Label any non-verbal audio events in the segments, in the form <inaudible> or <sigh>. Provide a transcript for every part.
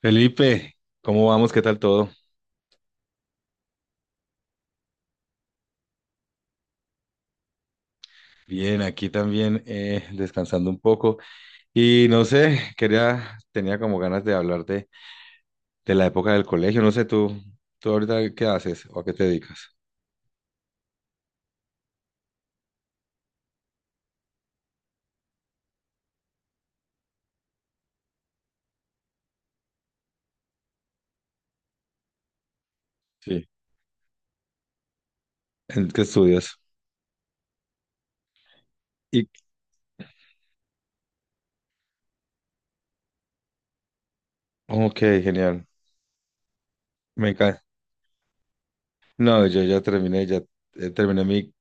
Felipe, ¿cómo vamos? ¿Qué tal todo? Bien, aquí también descansando un poco. Y no sé, tenía como ganas de hablar de la época del colegio. No sé, tú ahorita qué haces o a qué te dedicas. Sí. ¿En qué estudias? Y, ok, genial. Me encanta. No, yo ya terminé mi,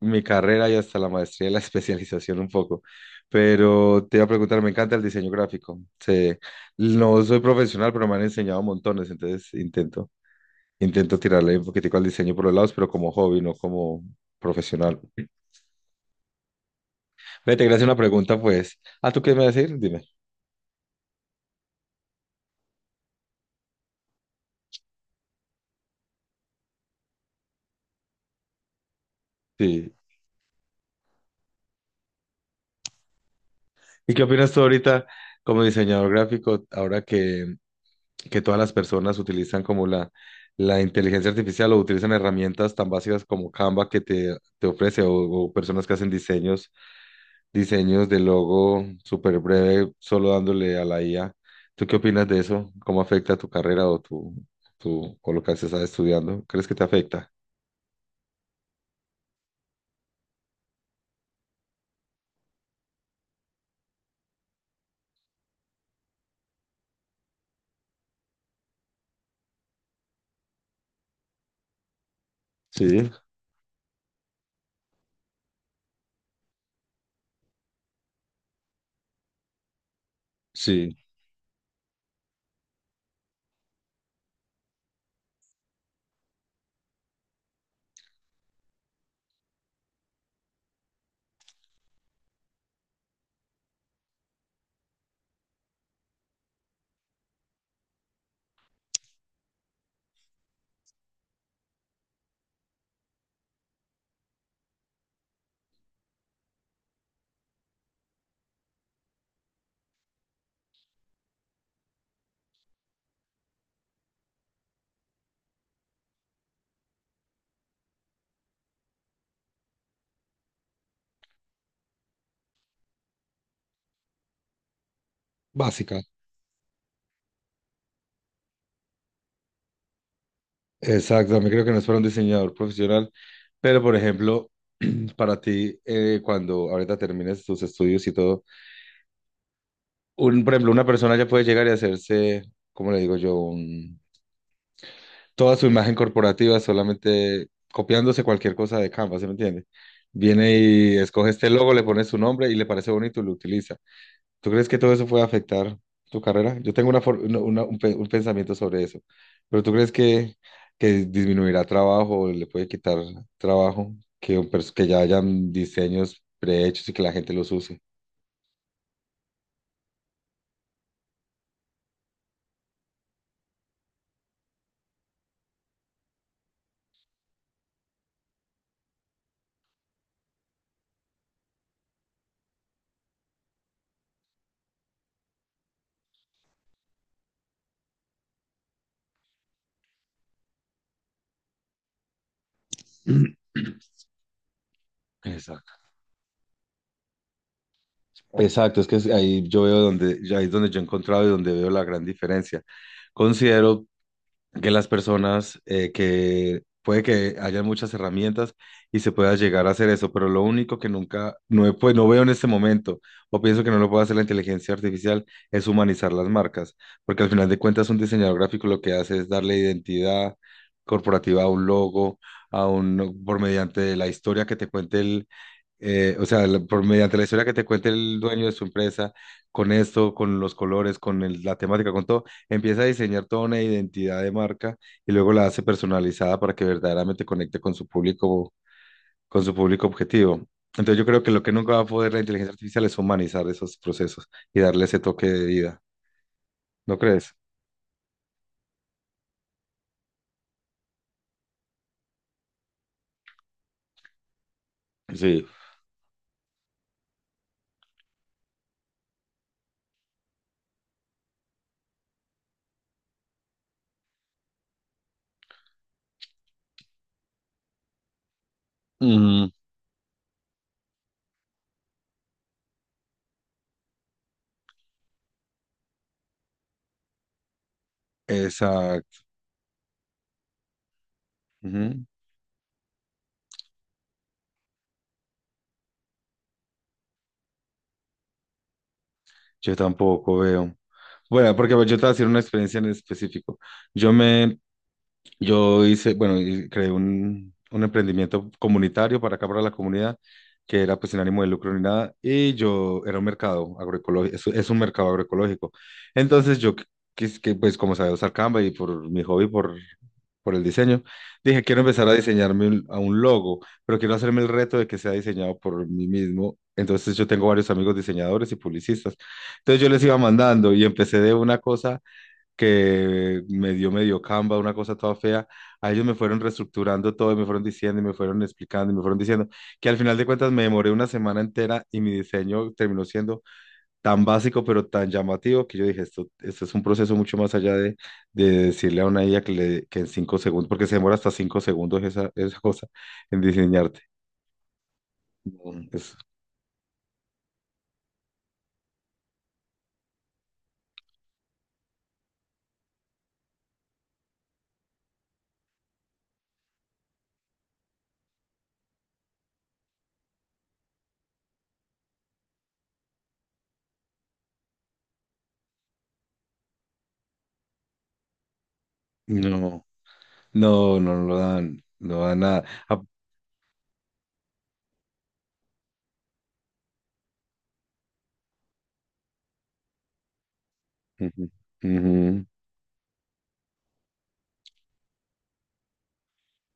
mi carrera y hasta la maestría y la <laughs> especialización un poco. Pero te iba a preguntar, me encanta el diseño gráfico. Sí, no soy profesional, pero me han enseñado montones, entonces intento tirarle un poquitico al diseño por los lados, pero como hobby, no como profesional. Ve, te quería hacer una pregunta, pues. Ah, ¿tú qué me vas a decir? Dime. Sí. ¿Y qué opinas tú ahorita como diseñador gráfico, ahora que todas las personas utilizan como la inteligencia artificial o utilizan herramientas tan básicas como Canva que te ofrece o personas que hacen diseños de logo súper breve, solo dándole a la IA. ¿Tú qué opinas de eso? ¿Cómo afecta tu carrera o o lo que estás estudiando? ¿Crees que te afecta? Sí. Sí, básica. Exacto, también creo que no es para un diseñador profesional, pero por ejemplo, <clears throat> para ti, cuando ahorita termines tus estudios y todo, por ejemplo, una persona ya puede llegar y hacerse, ¿cómo le digo yo? Toda su imagen corporativa solamente copiándose cualquier cosa de Canva, ¿se me entiende? Viene y escoge este logo, le pone su nombre y le parece bonito y lo utiliza. ¿Tú crees que todo eso puede afectar tu carrera? Yo tengo una, for- una- una- un, pe- un pensamiento sobre eso, pero ¿tú crees que disminuirá trabajo, o le puede quitar trabajo, que ya hayan diseños prehechos y que la gente los use? <clears throat> Exacto. Exacto, ahí yo veo donde, ahí es donde yo he encontrado y donde veo la gran diferencia. Considero que las personas que puede que haya muchas herramientas y se pueda llegar a hacer eso, pero lo único que nunca, no veo en este momento, o pienso que no lo puede hacer la inteligencia artificial, es humanizar las marcas, porque al final de cuentas un diseñador gráfico lo que hace es darle identidad corporativa a un logo, a un, por mediante la historia que te cuente, o sea, mediante la historia que te cuente el dueño de su empresa, con esto, con los colores, con la temática, con todo, empieza a diseñar toda una identidad de marca y luego la hace personalizada para que verdaderamente conecte con su público objetivo. Entonces yo creo que lo que nunca va a poder la inteligencia artificial es humanizar esos procesos y darle ese toque de vida. ¿No crees? Sí. Mm, exacto. Ujú. Yo tampoco veo. Bueno, porque pues, yo te voy a decir una experiencia en específico. Yo me Yo hice, bueno, y creé un emprendimiento comunitario para acá, para la comunidad, que era pues sin ánimo de lucro ni nada, y yo era un mercado agroecológico, es un mercado agroecológico. Entonces yo, pues como sabía usar Canva y por mi hobby, por el diseño, dije, quiero empezar a diseñarme a un logo, pero quiero hacerme el reto de que sea diseñado por mí mismo. Entonces yo tengo varios amigos diseñadores y publicistas. Entonces yo les iba mandando y empecé de una cosa que me dio medio Canva, una cosa toda fea. A ellos me fueron reestructurando todo y me fueron diciendo y me fueron explicando y me fueron diciendo que al final de cuentas me demoré una semana entera y mi diseño terminó siendo tan básico pero tan llamativo que yo dije, esto es un proceso mucho más allá de decirle a una IA que en 5 segundos, porque se demora hasta 5 segundos esa cosa en diseñarte. No, no, no, no no lo dan, no dan nada. Ah, ujú, ujú.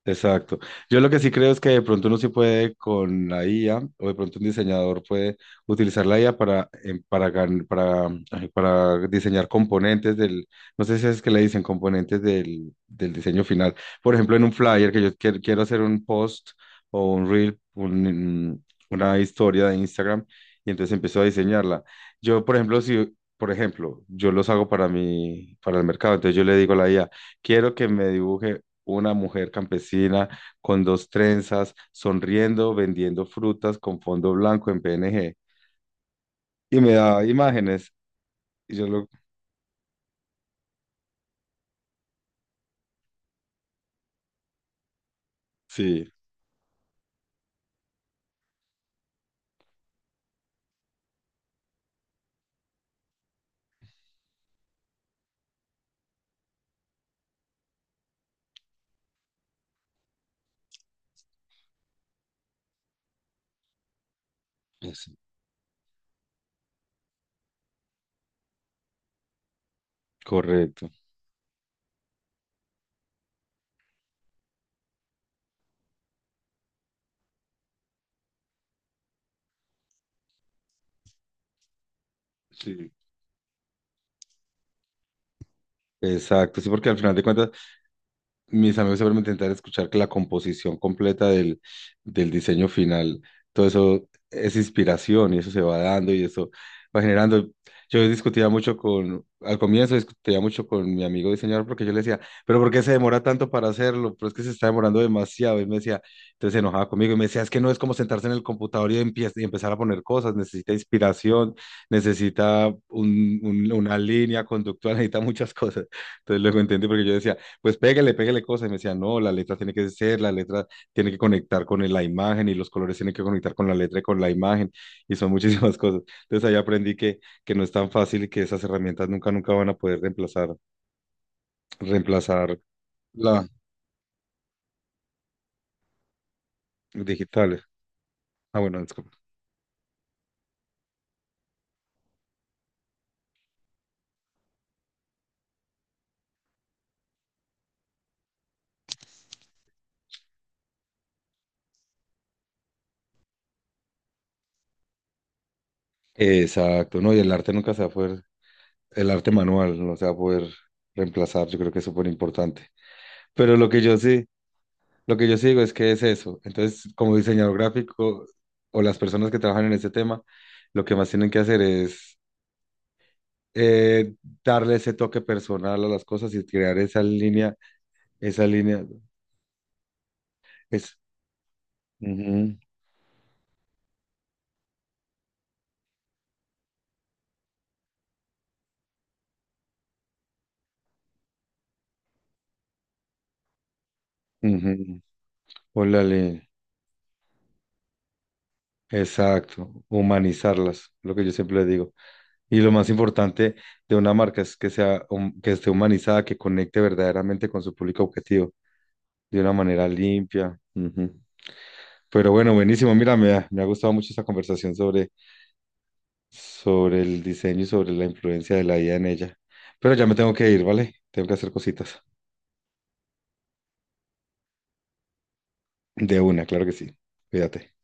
Exacto. Yo lo que sí creo es que de pronto uno sí puede con la IA, o de pronto un diseñador puede utilizar la IA para, em, para, gan- para, ay, para diseñar componentes del, no sé si es que le dicen componentes del diseño final. Por ejemplo, en un flyer que yo quiero hacer un post o un reel, una historia de Instagram, y entonces empiezo a diseñarla. Yo, por ejemplo, si, por ejemplo, yo los hago para el mercado, entonces yo le digo a la IA, quiero que me dibuje una mujer campesina con dos trenzas, sonriendo, vendiendo frutas con fondo blanco en PNG. Y me daba imágenes. Y yo lo... Sí, es correcto. Sí, exacto. Sí, porque al final de cuentas mis amigos siempre me intentan escuchar que la composición completa del diseño final, todo eso es inspiración y eso se va dando y eso va generando. Yo discutía al comienzo discutía mucho con mi amigo diseñador porque yo le decía, pero ¿por qué se demora tanto para hacerlo? Pero es que se está demorando demasiado. Y me decía, entonces se enojaba conmigo y me decía, es que no es como sentarse en el computador y empezar a poner cosas, necesita inspiración, necesita una línea conductual, <laughs> necesita muchas cosas. Entonces luego entendí porque yo decía, pues pégale, pégale cosas. Y me decía, no, la letra tiene que conectar con la imagen y los colores tienen que conectar con la letra y con la imagen. Y son <laughs> muchísimas cosas. Entonces ahí aprendí que no es tan fácil y que esas herramientas nunca, nunca van a poder reemplazar, reemplazar la digitales. Ah, bueno, disculpa. Exacto, no, y el arte nunca se va a poder, el arte manual no se va a poder reemplazar, yo creo que es súper importante. Pero lo que yo sí, Lo que yo sí digo es que es eso. Entonces, como diseñador gráfico o las personas que trabajan en ese tema, lo que más tienen que hacer es eh, darle ese toque personal a las cosas y crear esa línea, es, ujú, ujú. Ólale, exacto, humanizarlas, lo que yo siempre le digo. Y lo más importante de una marca es que que esté humanizada, que conecte verdaderamente con su público objetivo de una manera limpia. Ujú. Pero bueno, buenísimo. Mira, me ha gustado mucho esta conversación sobre el diseño y sobre la influencia de la IA en ella. Pero ya me tengo que ir, ¿vale? Tengo que hacer cositas. De una, claro que sí. Cuídate.